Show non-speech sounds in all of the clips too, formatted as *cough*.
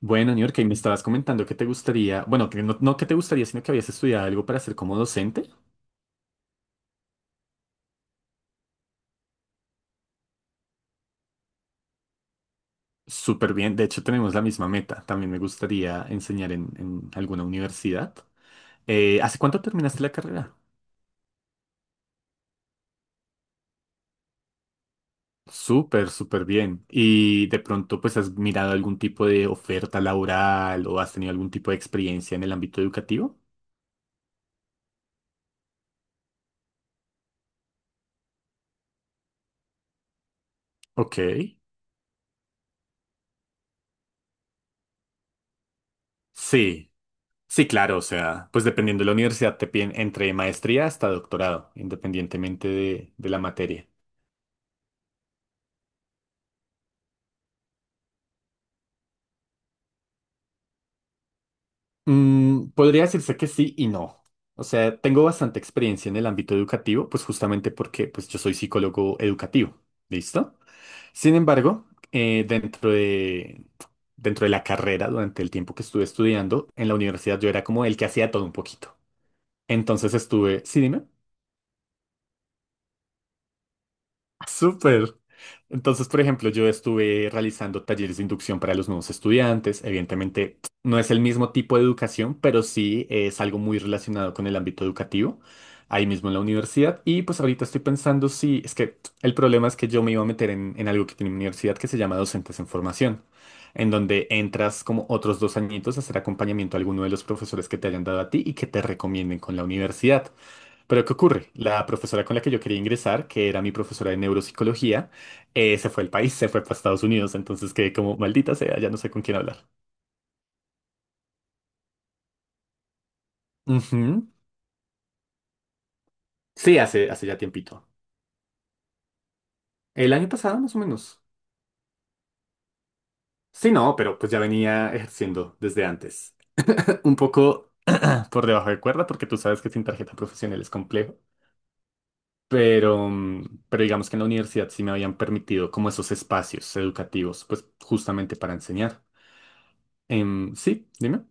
Bueno, New York, y me estabas comentando que te gustaría, bueno, que no que te gustaría, sino que habías estudiado algo para ser como docente. Súper bien, de hecho tenemos la misma meta. También me gustaría enseñar en alguna universidad. ¿Hace cuánto terminaste la carrera? Súper, súper bien. ¿Y de pronto pues has mirado algún tipo de oferta laboral o has tenido algún tipo de experiencia en el ámbito educativo? Ok. Sí, sí, claro, o sea, pues dependiendo de la universidad te piden entre maestría hasta doctorado, independientemente de la materia. Podría decirse que sí y no. O sea, tengo bastante experiencia en el ámbito educativo, pues justamente porque pues, yo soy psicólogo educativo. ¿Listo? Sin embargo, eh, dentro de, dentro de la carrera, durante el tiempo que estuve estudiando, en la universidad yo era como el que hacía todo un poquito. Entonces estuve, sí, dime. Súper. Entonces, por ejemplo, yo estuve realizando talleres de inducción para los nuevos estudiantes. Evidentemente, no es el mismo tipo de educación, pero sí es algo muy relacionado con el ámbito educativo, ahí mismo en la universidad. Y pues ahorita estoy pensando si, es que el problema es que yo me iba a meter en algo que tiene mi universidad que se llama Docentes en Formación, en donde entras como otros 2 añitos a hacer acompañamiento a alguno de los profesores que te hayan dado a ti y que te recomienden con la universidad. Pero ¿qué ocurre? La profesora con la que yo quería ingresar, que era mi profesora de neuropsicología, se fue al país, se fue para Estados Unidos, entonces quedé como maldita sea, ya no sé con quién hablar. Ujú. Sí, hace ya tiempito. El año pasado, más o menos. Sí, no, pero pues ya venía ejerciendo desde antes. Un poco por debajo de cuerda, porque tú sabes que sin tarjeta profesional es complejo. Pero, pero digamos que en la universidad sí me habían permitido como esos espacios educativos, pues justamente para enseñar. Sí, dime.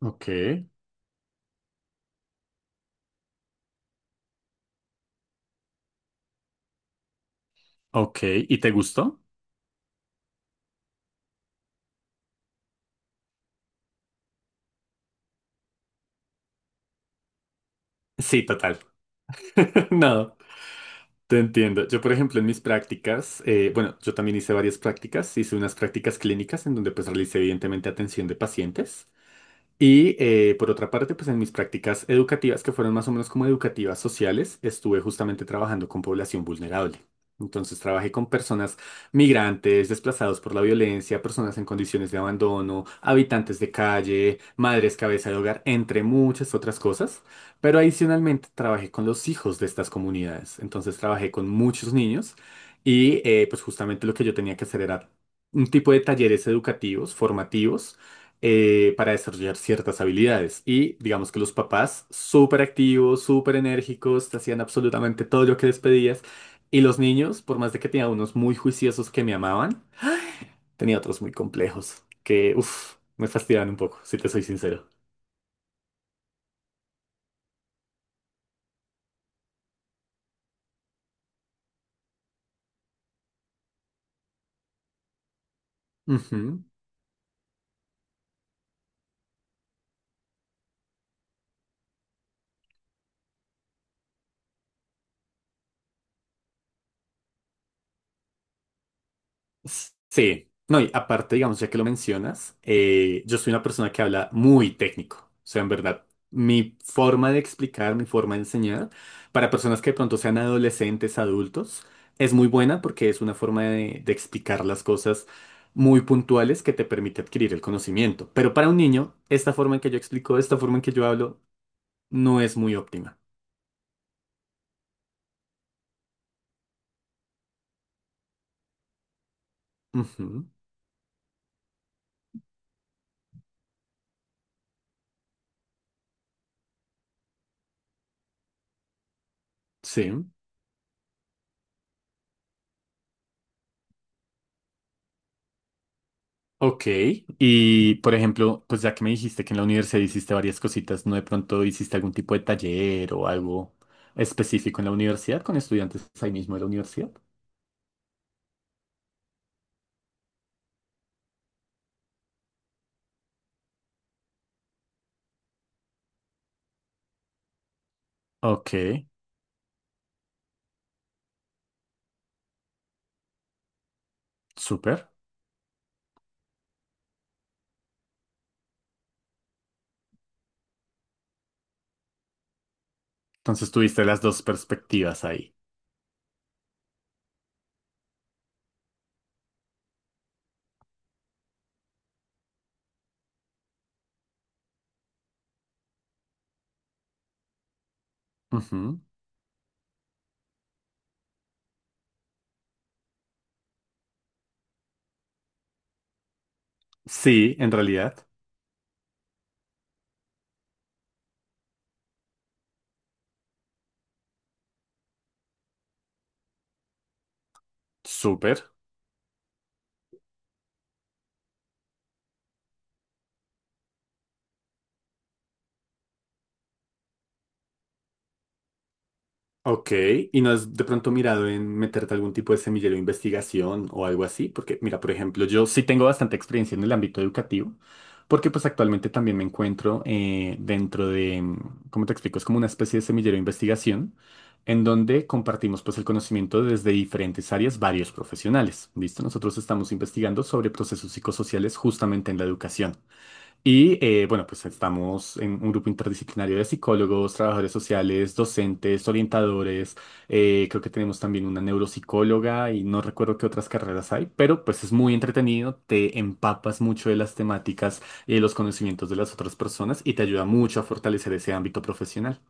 Ok. Ok, ¿y te gustó? Sí, total. *laughs* No, te entiendo. Yo, por ejemplo, en mis prácticas, bueno, yo también hice varias prácticas, hice unas prácticas clínicas en donde pues realicé evidentemente atención de pacientes. Y por otra parte, pues en mis prácticas educativas, que fueron más o menos como educativas sociales, estuve justamente trabajando con población vulnerable. Entonces trabajé con personas migrantes, desplazados por la violencia, personas en condiciones de abandono, habitantes de calle, madres cabeza de hogar, entre muchas otras cosas. Pero adicionalmente trabajé con los hijos de estas comunidades. Entonces trabajé con muchos niños y pues justamente lo que yo tenía que hacer era un tipo de talleres educativos, formativos para desarrollar ciertas habilidades. Y digamos que los papás, súper activos, súper enérgicos, te hacían absolutamente todo lo que les pedías. Y los niños, por más de que tenía unos muy juiciosos que me amaban, tenía otros muy complejos que, uff, me fastidiaban un poco, si te soy sincero. Ujú. Sí, no, y aparte, digamos, ya que lo mencionas, yo soy una persona que habla muy técnico. O sea, en verdad, mi forma de explicar, mi forma de enseñar, para personas que de pronto sean adolescentes, adultos, es muy buena porque es una forma de explicar las cosas muy puntuales que te permite adquirir el conocimiento. Pero para un niño, esta forma en que yo explico, esta forma en que yo hablo, no es muy óptima. Ujú, sí. Ok, y por ejemplo, pues ya que me dijiste que en la universidad hiciste varias cositas, ¿no de pronto hiciste algún tipo de taller o algo específico en la universidad con estudiantes ahí mismo de la universidad? Ok, súper. Entonces tuviste las dos perspectivas ahí. Ujú. Sí, en realidad, súper. Ok, ¿y no has de pronto mirado en meterte algún tipo de semillero de investigación o algo así? Porque mira, por ejemplo, yo sí tengo bastante experiencia en el ámbito educativo, porque pues actualmente también me encuentro dentro de, ¿cómo te explico? Es como una especie de semillero de investigación en donde compartimos pues el conocimiento desde diferentes áreas, varios profesionales, ¿listo? Nosotros estamos investigando sobre procesos psicosociales justamente en la educación. Y bueno, pues estamos en un grupo interdisciplinario de psicólogos, trabajadores sociales, docentes, orientadores. Creo que tenemos también una neuropsicóloga y no recuerdo qué otras carreras hay, pero pues es muy entretenido, te empapas mucho de las temáticas y de los conocimientos de las otras personas y te ayuda mucho a fortalecer ese ámbito profesional.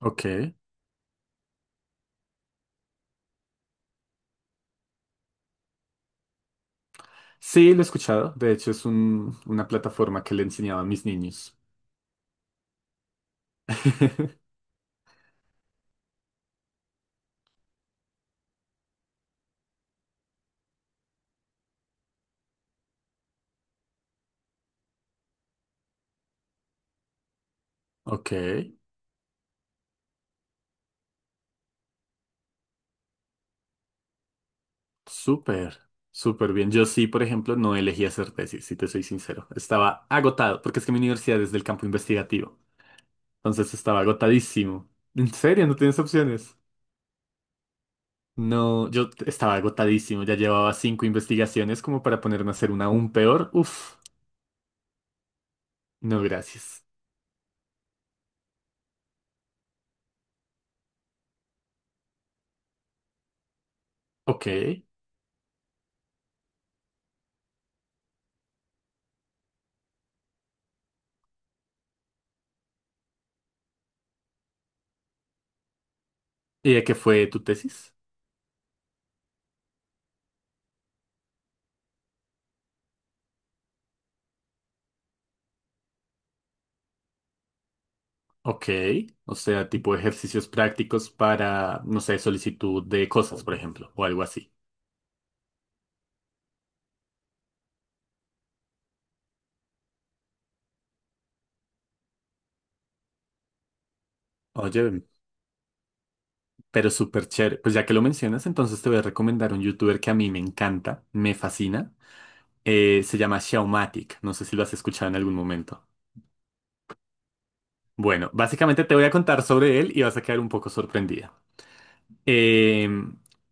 Ok. Sí, lo he escuchado. De hecho, es una plataforma que le enseñaba a mis niños. *laughs* Ok. Súper, súper bien. Yo sí, por ejemplo, no elegí hacer tesis, si te soy sincero. Estaba agotado, porque es que mi universidad es del campo investigativo. Entonces estaba agotadísimo. ¿En serio? ¿No tienes opciones? No, estaba agotadísimo. Ya llevaba cinco investigaciones como para ponerme a hacer una aún peor. Uf, no, gracias. Ok. ¿Y de qué fue tu tesis? Ok. O sea, tipo ejercicios prácticos para, no sé, solicitud de cosas, por ejemplo, o algo así. Oye, pero súper chévere. Pues ya que lo mencionas, entonces te voy a recomendar un youtuber que a mí me encanta, me fascina. Se llama Xiaomatic. No sé si lo has escuchado en algún momento. Bueno, básicamente te voy a contar sobre él y vas a quedar un poco sorprendida. Eh,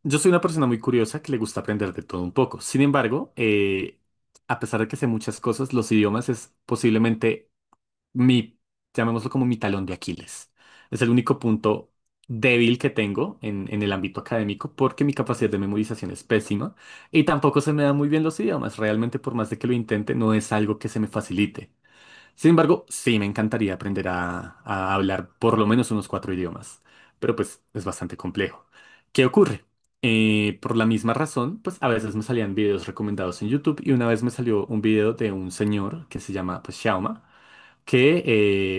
yo soy una persona muy curiosa que le gusta aprender de todo un poco. Sin embargo, a pesar de que sé muchas cosas, los idiomas es posiblemente mi, llamémoslo como mi talón de Aquiles. Es el único punto débil que tengo en el ámbito académico porque mi capacidad de memorización es pésima y tampoco se me dan muy bien los idiomas. Realmente, por más de que lo intente, no es algo que se me facilite. Sin embargo, sí me encantaría aprender a hablar por lo menos unos cuatro idiomas, pero pues es bastante complejo. ¿Qué ocurre? Por la misma razón, pues a veces me salían videos recomendados en YouTube y una vez me salió un video de un señor que se llama pues Xiaoma que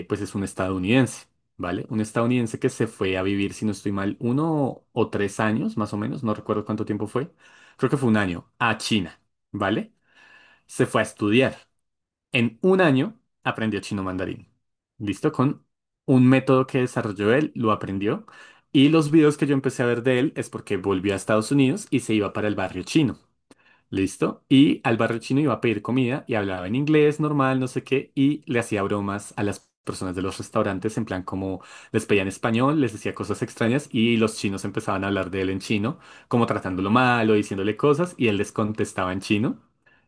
pues es un estadounidense, ¿vale? Un estadounidense que se fue a vivir, si no estoy mal, 1 o 3 años, más o menos, no recuerdo cuánto tiempo fue, creo que fue un año, a China, ¿vale? Se fue a estudiar. En un año aprendió chino mandarín. ¿Listo? Con un método que desarrolló él, lo aprendió. Y los videos que yo empecé a ver de él es porque volvió a Estados Unidos y se iba para el barrio chino. ¿Listo? Y al barrio chino iba a pedir comida y hablaba en inglés normal, no sé qué, y le hacía bromas a las personas de los restaurantes, en plan como les pedía en español, les decía cosas extrañas y los chinos empezaban a hablar de él en chino, como tratándolo mal o diciéndole cosas, y él les contestaba en chino.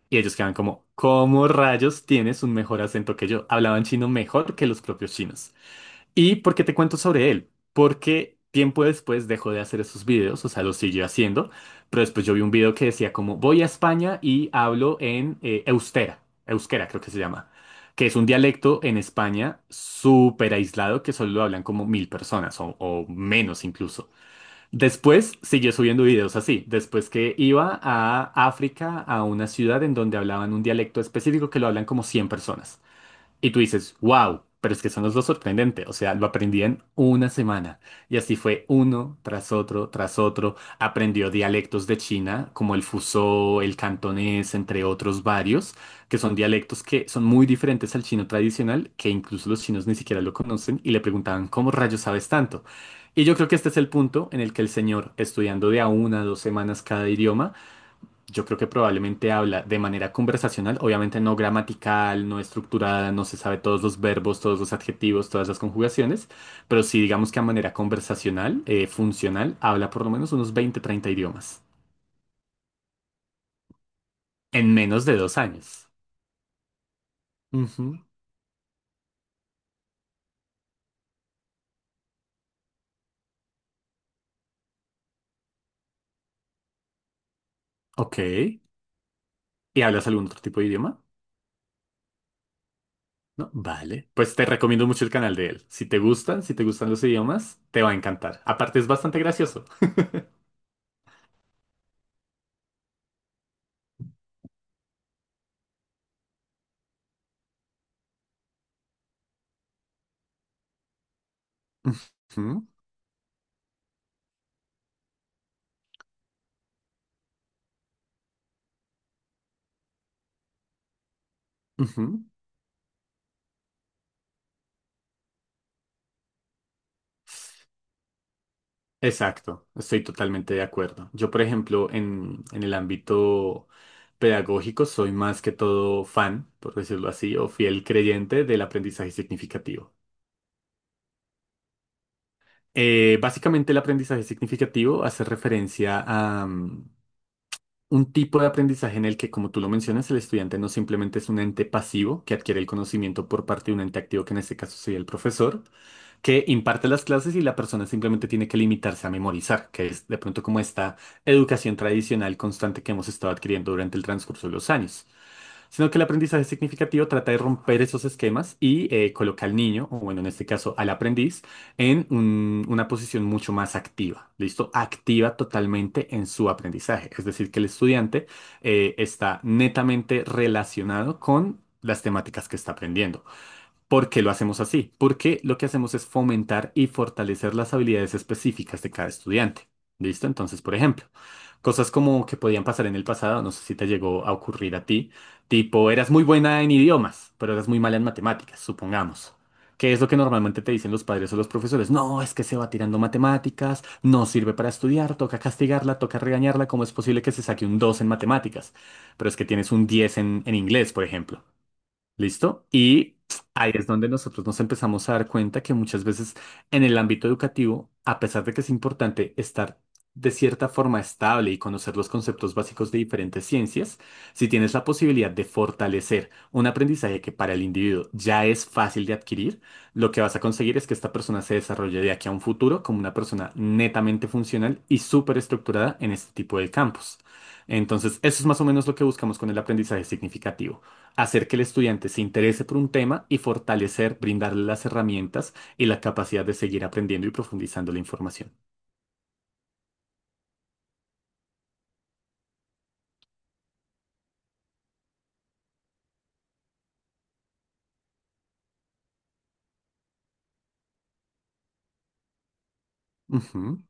Y ellos quedaban como, ¿cómo rayos tienes un mejor acento que yo? Hablaban chino mejor que los propios chinos. ¿Y por qué te cuento sobre él? Porque tiempo después dejó de hacer esos videos, o sea, los siguió haciendo, pero después yo vi un video que decía como voy a España y hablo en Eustera, Euskera creo que se llama, que es un dialecto en España súper aislado que solo lo hablan como 1000 personas o menos incluso. Después siguió subiendo videos así, después que iba a África, a una ciudad en donde hablaban un dialecto específico que lo hablan como 100 personas. Y tú dices, wow, pero es que son los dos sorprendentes. O sea, lo aprendí en una semana. Y así fue uno tras otro, tras otro. Aprendió dialectos de China, como el fusó, el cantonés, entre otros varios, que son dialectos que son muy diferentes al chino tradicional, que incluso los chinos ni siquiera lo conocen y le preguntaban, ¿cómo rayos sabes tanto? Y yo creo que este es el punto en el que el señor, estudiando de a 1 a 2 semanas cada idioma, yo creo que probablemente habla de manera conversacional, obviamente no gramatical, no estructurada, no se sabe todos los verbos, todos los adjetivos, todas las conjugaciones, pero sí digamos que a manera conversacional, funcional, habla por lo menos unos 20, 30 idiomas en menos de 2 años. Ujú, ok. ¿Y hablas algún otro tipo de idioma? No, vale. Pues te recomiendo mucho el canal de él. Si te gustan los idiomas, te va a encantar. Aparte es bastante gracioso. Ujú, ujú. Exacto, estoy totalmente de acuerdo. Yo, por ejemplo, en el ámbito pedagógico soy más que todo fan, por decirlo así, o fiel creyente del aprendizaje significativo. Básicamente el aprendizaje significativo hace referencia a un tipo de aprendizaje en el que, como tú lo mencionas, el estudiante no simplemente es un ente pasivo que adquiere el conocimiento por parte de un ente activo, que en este caso sería el profesor, que imparte las clases y la persona simplemente tiene que limitarse a memorizar, que es de pronto como esta educación tradicional constante que hemos estado adquiriendo durante el transcurso de los años, sino que el aprendizaje significativo trata de romper esos esquemas y coloca al niño, o bueno, en este caso al aprendiz, en una posición mucho más activa, ¿listo? Activa totalmente en su aprendizaje, es decir, que el estudiante está netamente relacionado con las temáticas que está aprendiendo. ¿Por qué lo hacemos así? Porque lo que hacemos es fomentar y fortalecer las habilidades específicas de cada estudiante. ¿Listo? Entonces, por ejemplo, cosas como que podían pasar en el pasado, no sé si te llegó a ocurrir a ti, tipo, eras muy buena en idiomas, pero eras muy mala en matemáticas, supongamos. ¿Qué es lo que normalmente te dicen los padres o los profesores? No, es que se va tirando matemáticas, no sirve para estudiar, toca castigarla, toca regañarla, ¿cómo es posible que se saque un 2 en matemáticas? Pero es que tienes un 10 en inglés, por ejemplo. ¿Listo? Y ahí es donde nosotros nos empezamos a dar cuenta que muchas veces en el ámbito educativo, a pesar de que es importante estar de cierta forma estable y conocer los conceptos básicos de diferentes ciencias, si tienes la posibilidad de fortalecer un aprendizaje que para el individuo ya es fácil de adquirir, lo que vas a conseguir es que esta persona se desarrolle de aquí a un futuro como una persona netamente funcional y súper estructurada en este tipo de campos. Entonces, eso es más o menos lo que buscamos con el aprendizaje significativo hacer que el estudiante se interese por un tema y fortalecer, brindarle las herramientas y la capacidad de seguir aprendiendo y profundizando la información. Ujú.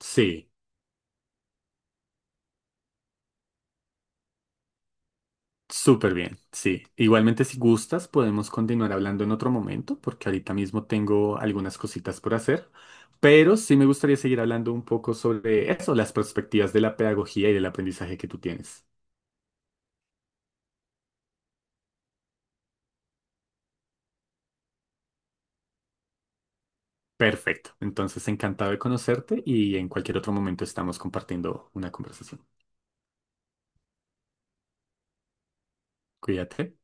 Sí, súper bien, sí. Igualmente, si gustas, podemos continuar hablando en otro momento, porque ahorita mismo tengo algunas cositas por hacer, pero sí me gustaría seguir hablando un poco sobre eso, las perspectivas de la pedagogía y del aprendizaje que tú tienes. Perfecto. Entonces, encantado de conocerte y en cualquier otro momento estamos compartiendo una conversación. Cuídate.